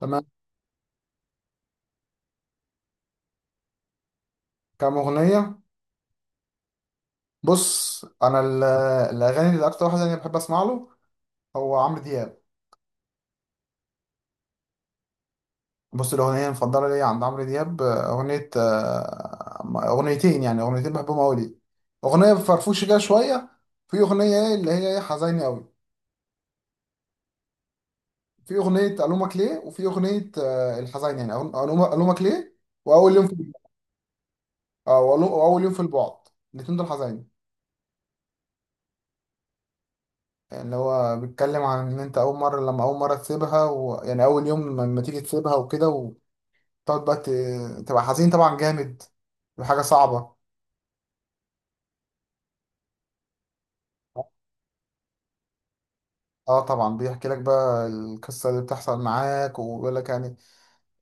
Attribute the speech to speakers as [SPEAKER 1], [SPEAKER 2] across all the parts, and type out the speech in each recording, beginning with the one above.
[SPEAKER 1] تمام. كام أغنية؟ بص، الأغاني اللي أكتر واحد أنا بحب أسمع له هو عمرو دياب. بص، الأغنية المفضلة ليا عند عمرو دياب أغنية، أغنيتين يعني، أغنيتين بحبهم أوي ليه. أغنية فرفوشة كده شوية، في أغنية إيه اللي هي إيه حزينة أوي. في أغنية ألومك ليه، وفي أغنية الحزينة يعني، ألومك ليه وأول يوم في، وأول يوم في البعد. الاتنين دول حزينة. يعني اللي هو بيتكلم عن ان انت اول مره، تسيبها ويعني اول يوم لما تيجي تسيبها وكده، تقعد بقى تبقى حزين طبعا، جامد وحاجة صعبة. اه طبعا، بيحكي لك بقى القصة اللي بتحصل معاك، وبيقول لك يعني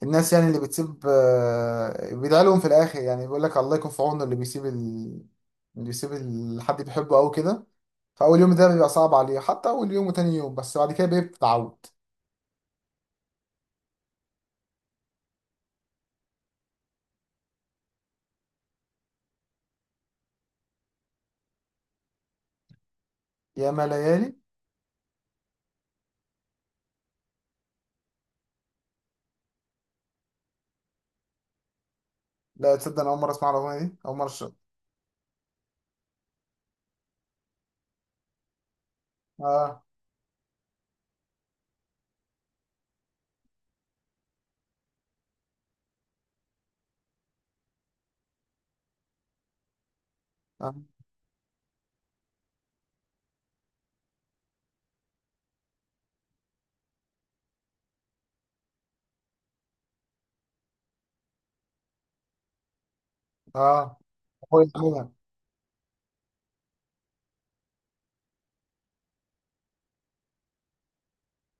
[SPEAKER 1] الناس يعني اللي بتسيب، بيدعي لهم في الآخر. يعني بيقول لك الله يكون في عونه اللي بيسيب حد بيحبه أوي كده. فأول يوم ده بيبقى صعب عليه، حتى أول يوم وتاني يوم، بس بعد كده بيتعود. ياما ليالي. لا تصدق، أنا أول مرة أسمع الأغنية دي، أول مرة آه. آه. آه. هو يعملها.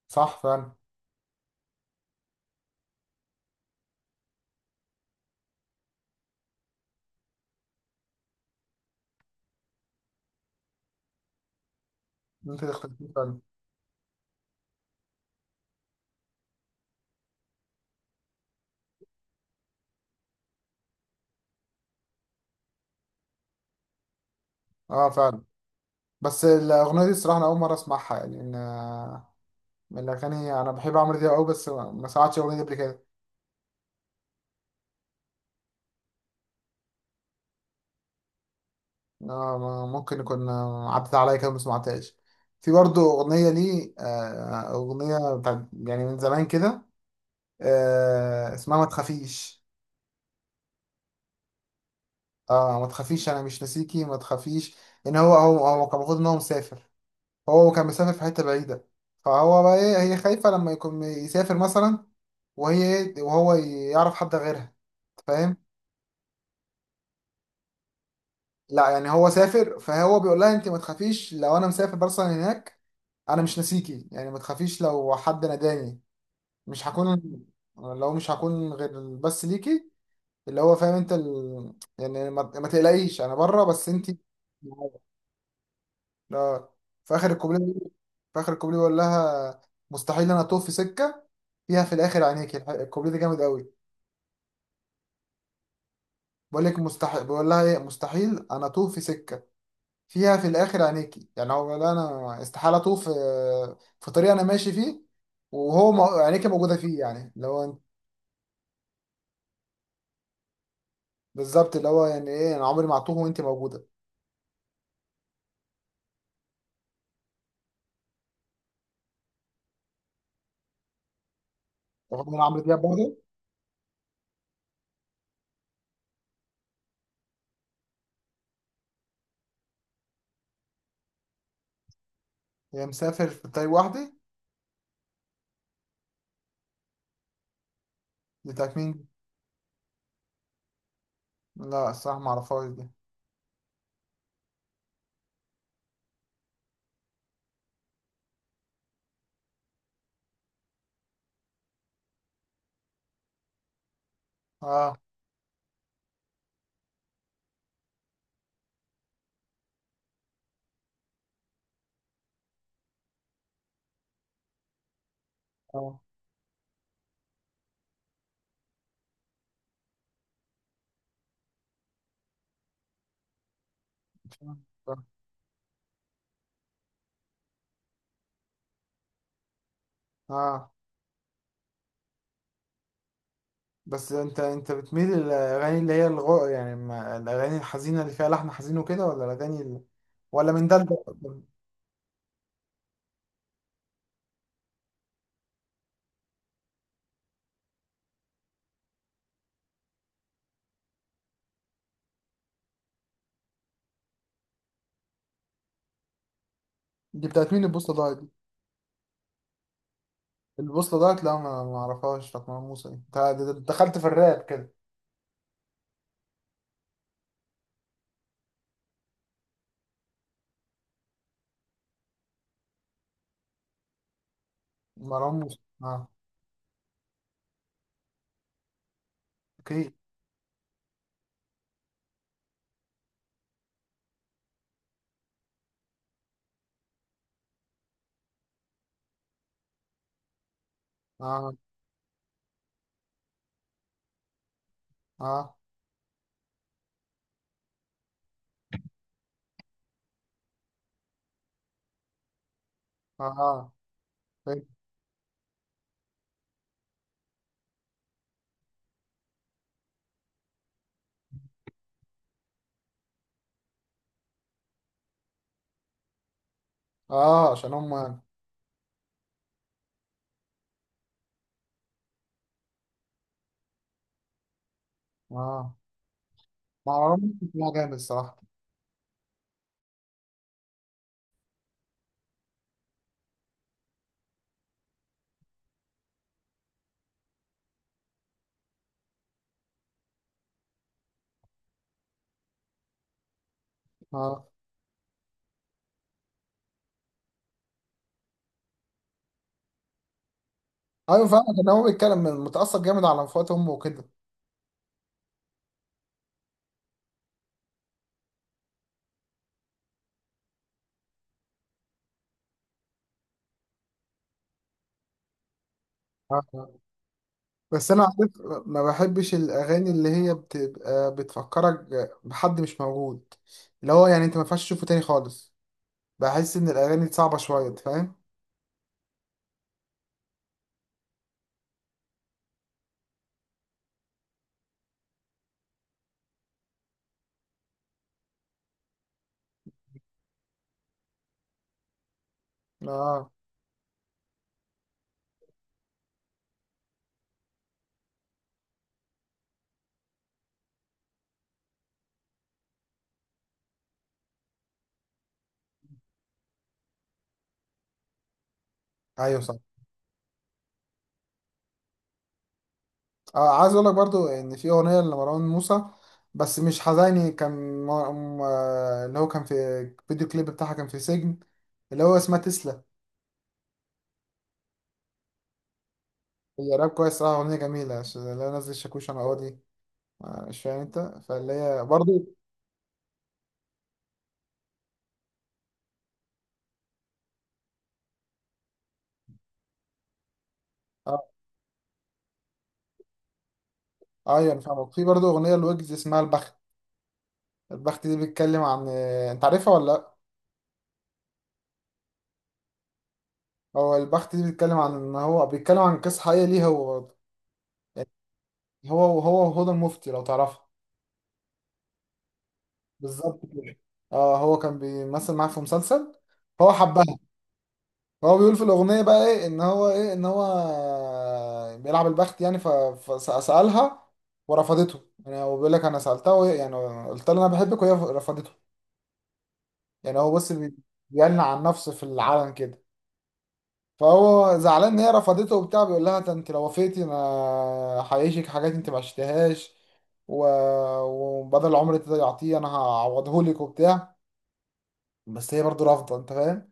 [SPEAKER 1] صح فعلا. أنت اللي اخترتيه فعلا. اه فعلا. بس الأغنية دي الصراحة أنا أول مرة أسمعها، يعني إن، من الأغاني، أنا بحب عمرو دياب أوي بس ما سمعتش الأغنية دي قبل كده. ممكن يكون عدت عليا كده ما سمعتهاش. في برضه أغنية ليه، أغنية بتاعت يعني من زمان كده، اسمها ما تخافيش. اه ما تخافيش، أنا مش ناسيكي ما تخافيش. إن هو كان المفروض إن هو مسافر، هو كان مسافر في حتة بعيدة. فهو بقى إيه، هي خايفة لما يكون يسافر مثلا، وهي وهو يعرف حد غيرها. أنت فاهم؟ لا يعني هو سافر، فهو بيقول لها انت ما تخافيش لو انا مسافر مثلا هناك، انا مش ناسيكي. يعني ما تخافيش لو حد ناداني، مش هكون، لو مش هكون غير بس ليكي. اللي هو فاهم انت ال... يعني ما تقلقيش انا بره بس انت. لا، في اخر الكوبليه في اخر الكوبليه بيقول لها مستحيل انا اطوف في سكه فيها في الاخر عينيكي. الكوبليه ده جامد قوي. بقول لك مستحيل، بقول لها ايه، مستحيل انا اطوف في سكه فيها في الاخر عينيكي. يعني هو لا، انا استحاله اطوف في، في طريق انا ماشي فيه، وهو مو- عينيكي موجوده فيه، يعني اللي هو بالظبط. اللي هو يعني ايه، انا عمري ما هتوه وانت موجوده. رغم ان أنا عمرو دياب برضه. هي مسافر في الطريق وحدي. دي بتاعت مين دي؟ لا الصراحه ما اعرفهاش دي. اه. اه. اه. آه. بس انت بتميل للاغاني اللي هي الغو يعني الاغاني الحزينه اللي فيها لحن حزين وكده، ولا الاغاني اللي... ولا من ده لده؟ دي بتاعت مين البوصه؟ البوصلة ديت، لا ما اعرفهاش، بتاعت مروان موسى دي، انت دخلت في الراب كده. مروان موسى، اه. اوكي. اه. اه. اه. اه فهمت. اه عشان هم يعني. اه. مروان موسى كان جامد الصراحة. اه ايوه فعلا، كان هو بيتكلم متأثر جامد على وفاة امه وكده. آه. آه. بس انا عارف، ما بحبش الاغاني اللي هي بتبقى بتفكرك بحد مش موجود، اللي هو يعني انت ما ينفعش تشوفه تاني خالص. بحس ان الاغاني دي صعبة شوية، أنت فاهم؟ اه. ايوه صح. عايز اقول لك برضو ان في اغنيه لمروان موسى، بس مش حزيني، كان اللي هو كان في الفيديو كليب بتاعها كان في سجن، اللي هو اسمها تسلا. هي راب كويس صراحه، اغنيه جميله، اللي هو نزل شاكوش انا قاضي، مش فاهم انت. فاللي هي برضو، اه ايوه انا فاهمك. في برضو اغنيه لويجز اسمها البخت. البخت دي بيتكلم عن، انت عارفها ولا لا؟ هو البخت دي بيتكلم عن ان هو بيتكلم عن قصه حقيقيه ليه هو برضه، يعني هو وهدى المفتي لو تعرفها. بالظبط كده. اه هو كان بيمثل معاه في مسلسل، هو حبها. هو بيقول في الأغنية بقى إيه، إن هو بيلعب البخت، يعني فسألها ورفضته. يعني هو بيقول لك أنا سألتها وهي يعني، قلت لها أنا بحبك وهي رفضته. يعني هو بيعلن عن نفسه في العلن كده. فهو زعلان إن هي رفضته وبتاع، بيقول لها ده أنت لو وافقتي أنا هعيشك حاجات أنت ما عشتهاش، و... وبدل العمر اللي يعطيه أنا هعوضهولك وبتاع. بس هي برضه رافضة، أنت فاهم؟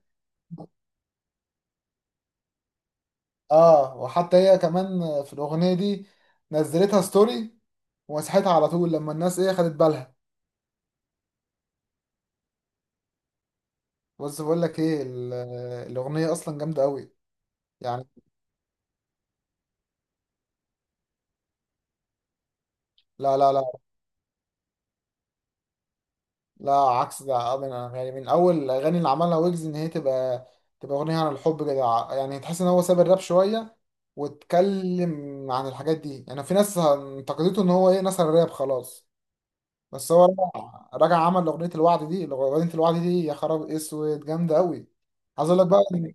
[SPEAKER 1] اه وحتى هي كمان في الاغنيه دي نزلتها ستوري ومسحتها على طول لما الناس ايه خدت بالها. بص بقول لك ايه، الاغنيه اصلا جامده قوي يعني. لا لا لا، لا عكس ده، من يعني من اول الاغاني اللي عملها ويجز ان هي تبقى، تبقى اغنيه عن الحب كده، يعني تحس ان هو ساب الراب شويه واتكلم عن الحاجات دي. يعني في ناس انتقدته ان هو ايه، نسى الراب خلاص. بس هو رجع، عمل اغنيه الوعد دي، اغنيه الوعد دي يا خراب اسود جامده قوي. عايز اقول لك بقى ان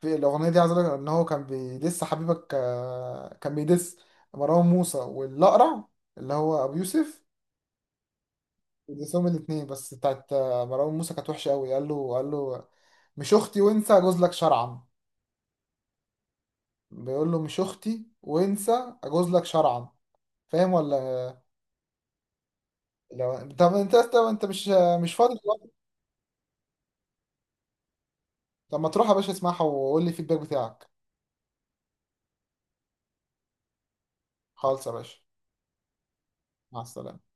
[SPEAKER 1] في الاغنيه دي، عايز اقول لك ان هو كان بيدس حبيبك، كان بيدس مروان موسى والاقرع اللي هو ابو يوسف، بيدسهم الاثنين. بس بتاعت مروان موسى كانت وحشه قوي، قال له مش اختي، وانسى اجوز لك شرعا. بيقول له مش اختي، وانسى اجوز لك شرعا. فاهم ولا؟ لو طب انت مش، مش فاضي دلوقتي. طب ما تروح يا باشا اسمعها وقول لي الفيدباك بتاعك. خالص يا باشا. مع السلامة.